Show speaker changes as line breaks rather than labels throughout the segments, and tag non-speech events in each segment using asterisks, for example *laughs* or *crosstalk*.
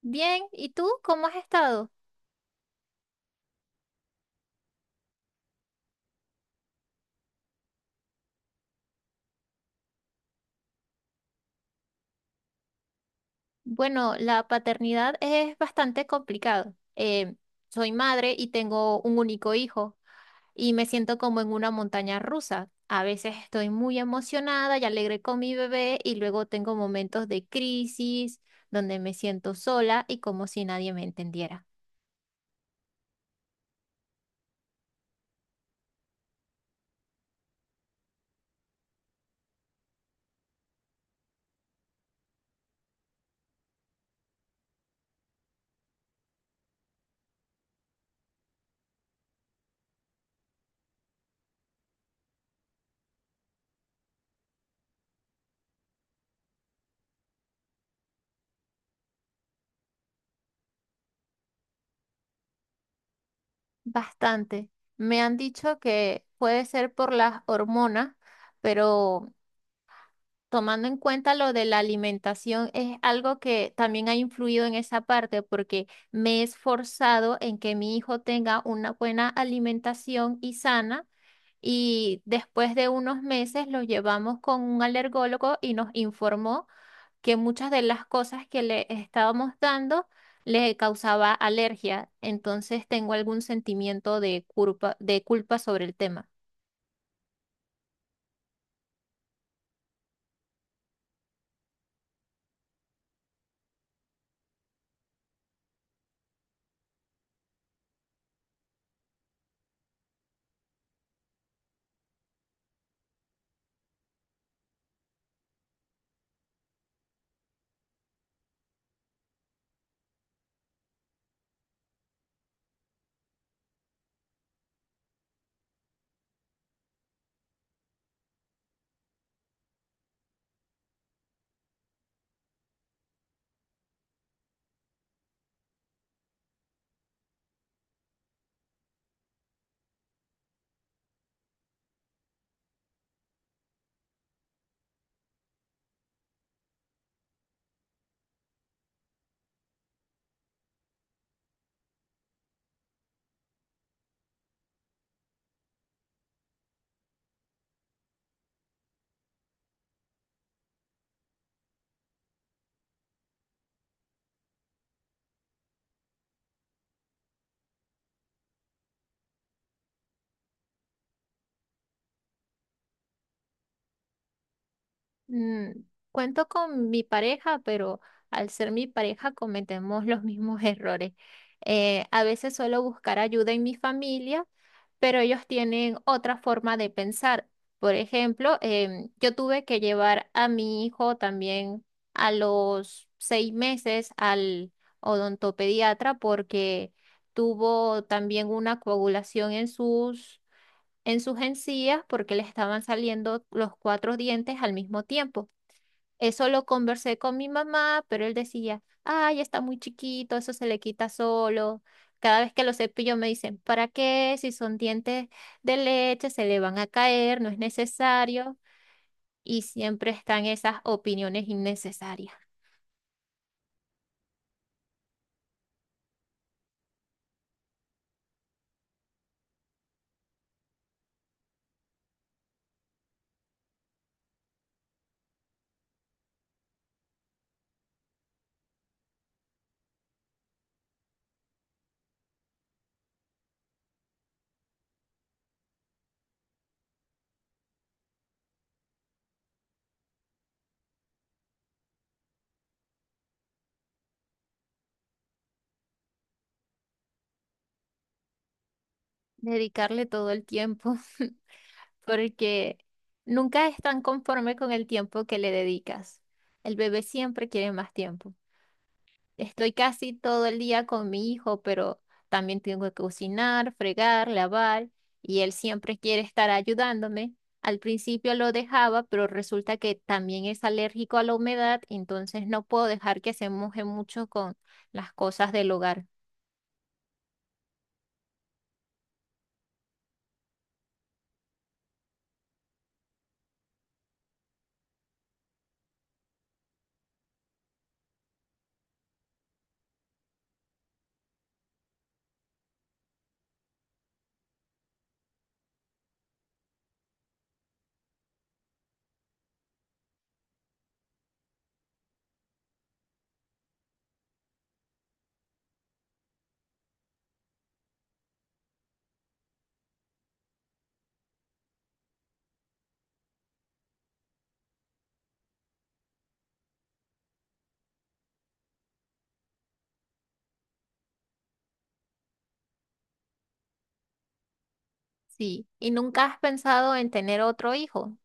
Bien, ¿y tú cómo has estado? Bueno, la paternidad es bastante complicado. Soy madre y tengo un único hijo y me siento como en una montaña rusa. A veces estoy muy emocionada y alegre con mi bebé y luego tengo momentos de crisis donde me siento sola y como si nadie me entendiera. Bastante. Me han dicho que puede ser por las hormonas, pero... Tomando en cuenta lo de la alimentación, es algo que también ha influido en esa parte porque me he esforzado en que mi hijo tenga una buena alimentación y sana y después de unos meses lo llevamos con un alergólogo y nos informó que muchas de las cosas que le estábamos dando le causaba alergia. Entonces tengo algún sentimiento de culpa sobre el tema. Mm, cuento con mi pareja, pero al ser mi pareja cometemos *laughs* los mismos errores. A veces suelo buscar ayuda en mi familia, pero ellos tienen otra forma de pensar. Por ejemplo, yo tuve que llevar a mi hijo también a los seis meses al odontopediatra porque tuvo también una coagulación en sus encías porque le estaban saliendo los cuatro dientes al mismo tiempo. Eso lo conversé con mi mamá, pero él decía, ay, está muy chiquito, eso se le quita solo. Cada vez que lo cepillo me dicen, ¿para qué? Si son dientes de leche, se le van a caer, no es necesario. Y siempre están esas opiniones innecesarias. Dedicarle todo el tiempo, *laughs* porque nunca están tan conforme con el tiempo que le dedicas. El bebé siempre quiere más tiempo. Estoy casi todo el día con mi hijo, pero también tengo que cocinar, fregar, lavar, y él siempre quiere estar ayudándome. Al principio lo dejaba, pero resulta que también es alérgico a la humedad, entonces no puedo dejar que se moje mucho con las cosas del hogar. Sí, ¿y nunca has pensado en tener otro hijo?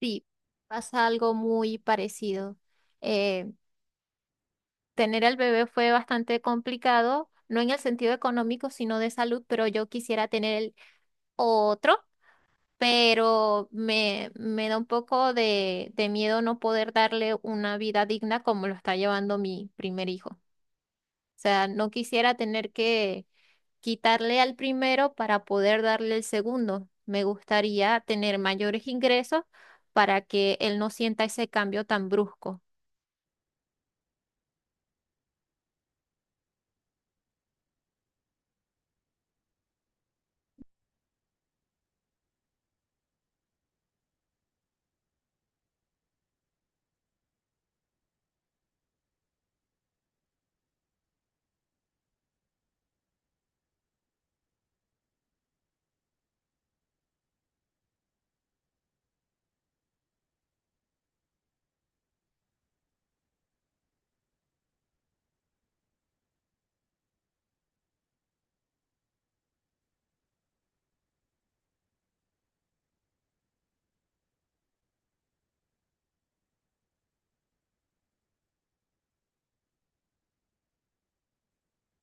Sí, pasa algo muy parecido. Eh, Tener al bebé fue bastante complicado, no en el sentido económico, sino de salud, pero yo quisiera tener el otro, pero me da un poco de miedo no poder darle una vida digna como lo está llevando mi primer hijo. O sea, no quisiera tener que quitarle al primero para poder darle el segundo. Me gustaría tener mayores ingresos para que él no sienta ese cambio tan brusco.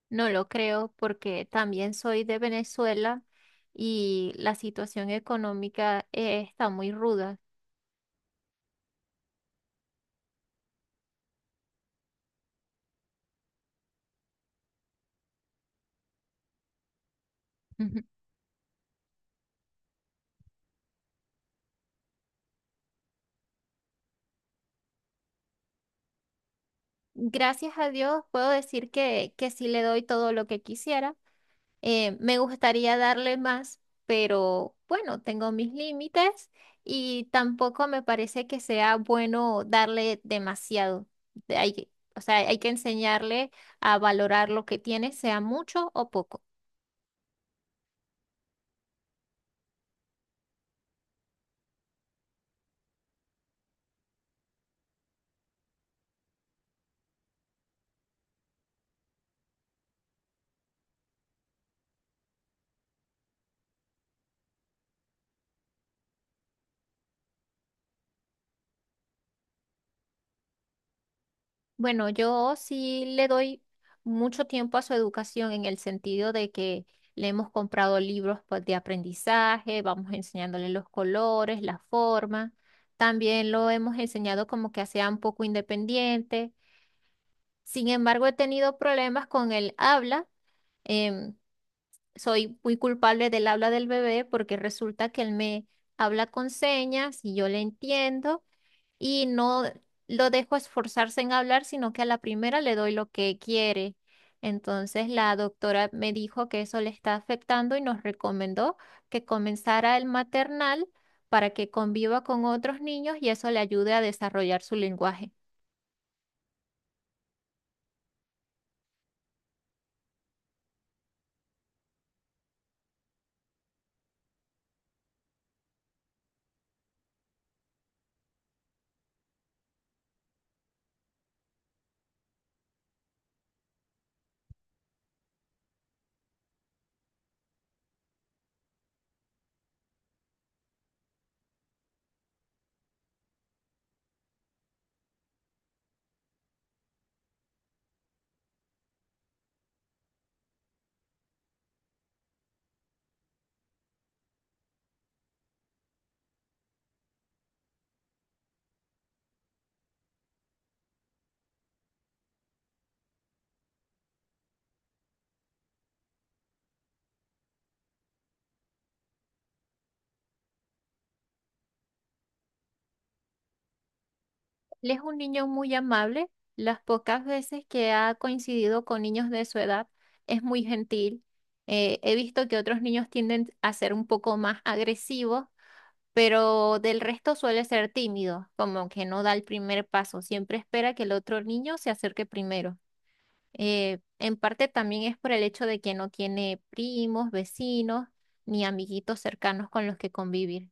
No lo creo porque también soy de Venezuela y la situación económica está muy ruda. *laughs* Gracias a Dios puedo decir que sí le doy todo lo que quisiera. Me gustaría darle más, pero bueno, tengo mis límites y tampoco me parece que sea bueno darle demasiado. De- Hay, que- o sea, hay que enseñarle a valorar lo que tiene, sea mucho o poco. Bueno, yo sí le doy mucho tiempo a su educación en el sentido de que le hemos comprado libros pues, de aprendizaje, vamos enseñándole los colores, la forma. También lo hemos enseñado como que sea un poco independiente. Sin embargo, he tenido problemas con el habla. Em, Soy muy culpable del habla del bebé porque resulta que él me habla con señas y yo le entiendo y no lo dejo esforzarse en hablar, sino que a la primera le doy lo que quiere. Entonces la doctora me dijo que eso le está afectando y nos recomendó que comenzara el maternal para que conviva con otros niños y eso le ayude a desarrollar su lenguaje. Él es un niño muy amable. Las pocas veces que ha coincidido con niños de su edad, es muy gentil. He visto que otros niños tienden a ser un poco más agresivos pero del resto suele ser tímido, como que no da el primer paso, siempre espera que el otro niño se acerque primero. En parte también es por el hecho de que no tiene primos, vecinos, ni amiguitos cercanos con los que convivir.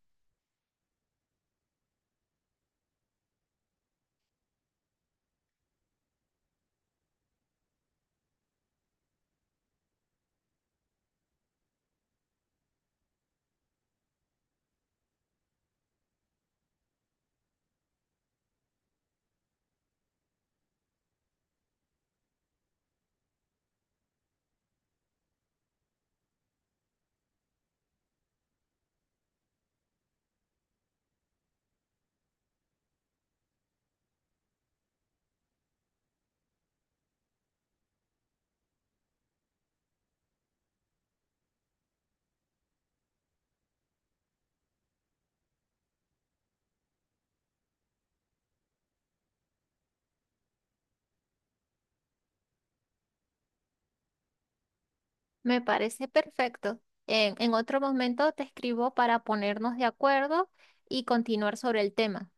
Me parece perfecto. En otro momento te escribo para ponernos de acuerdo y continuar sobre el tema.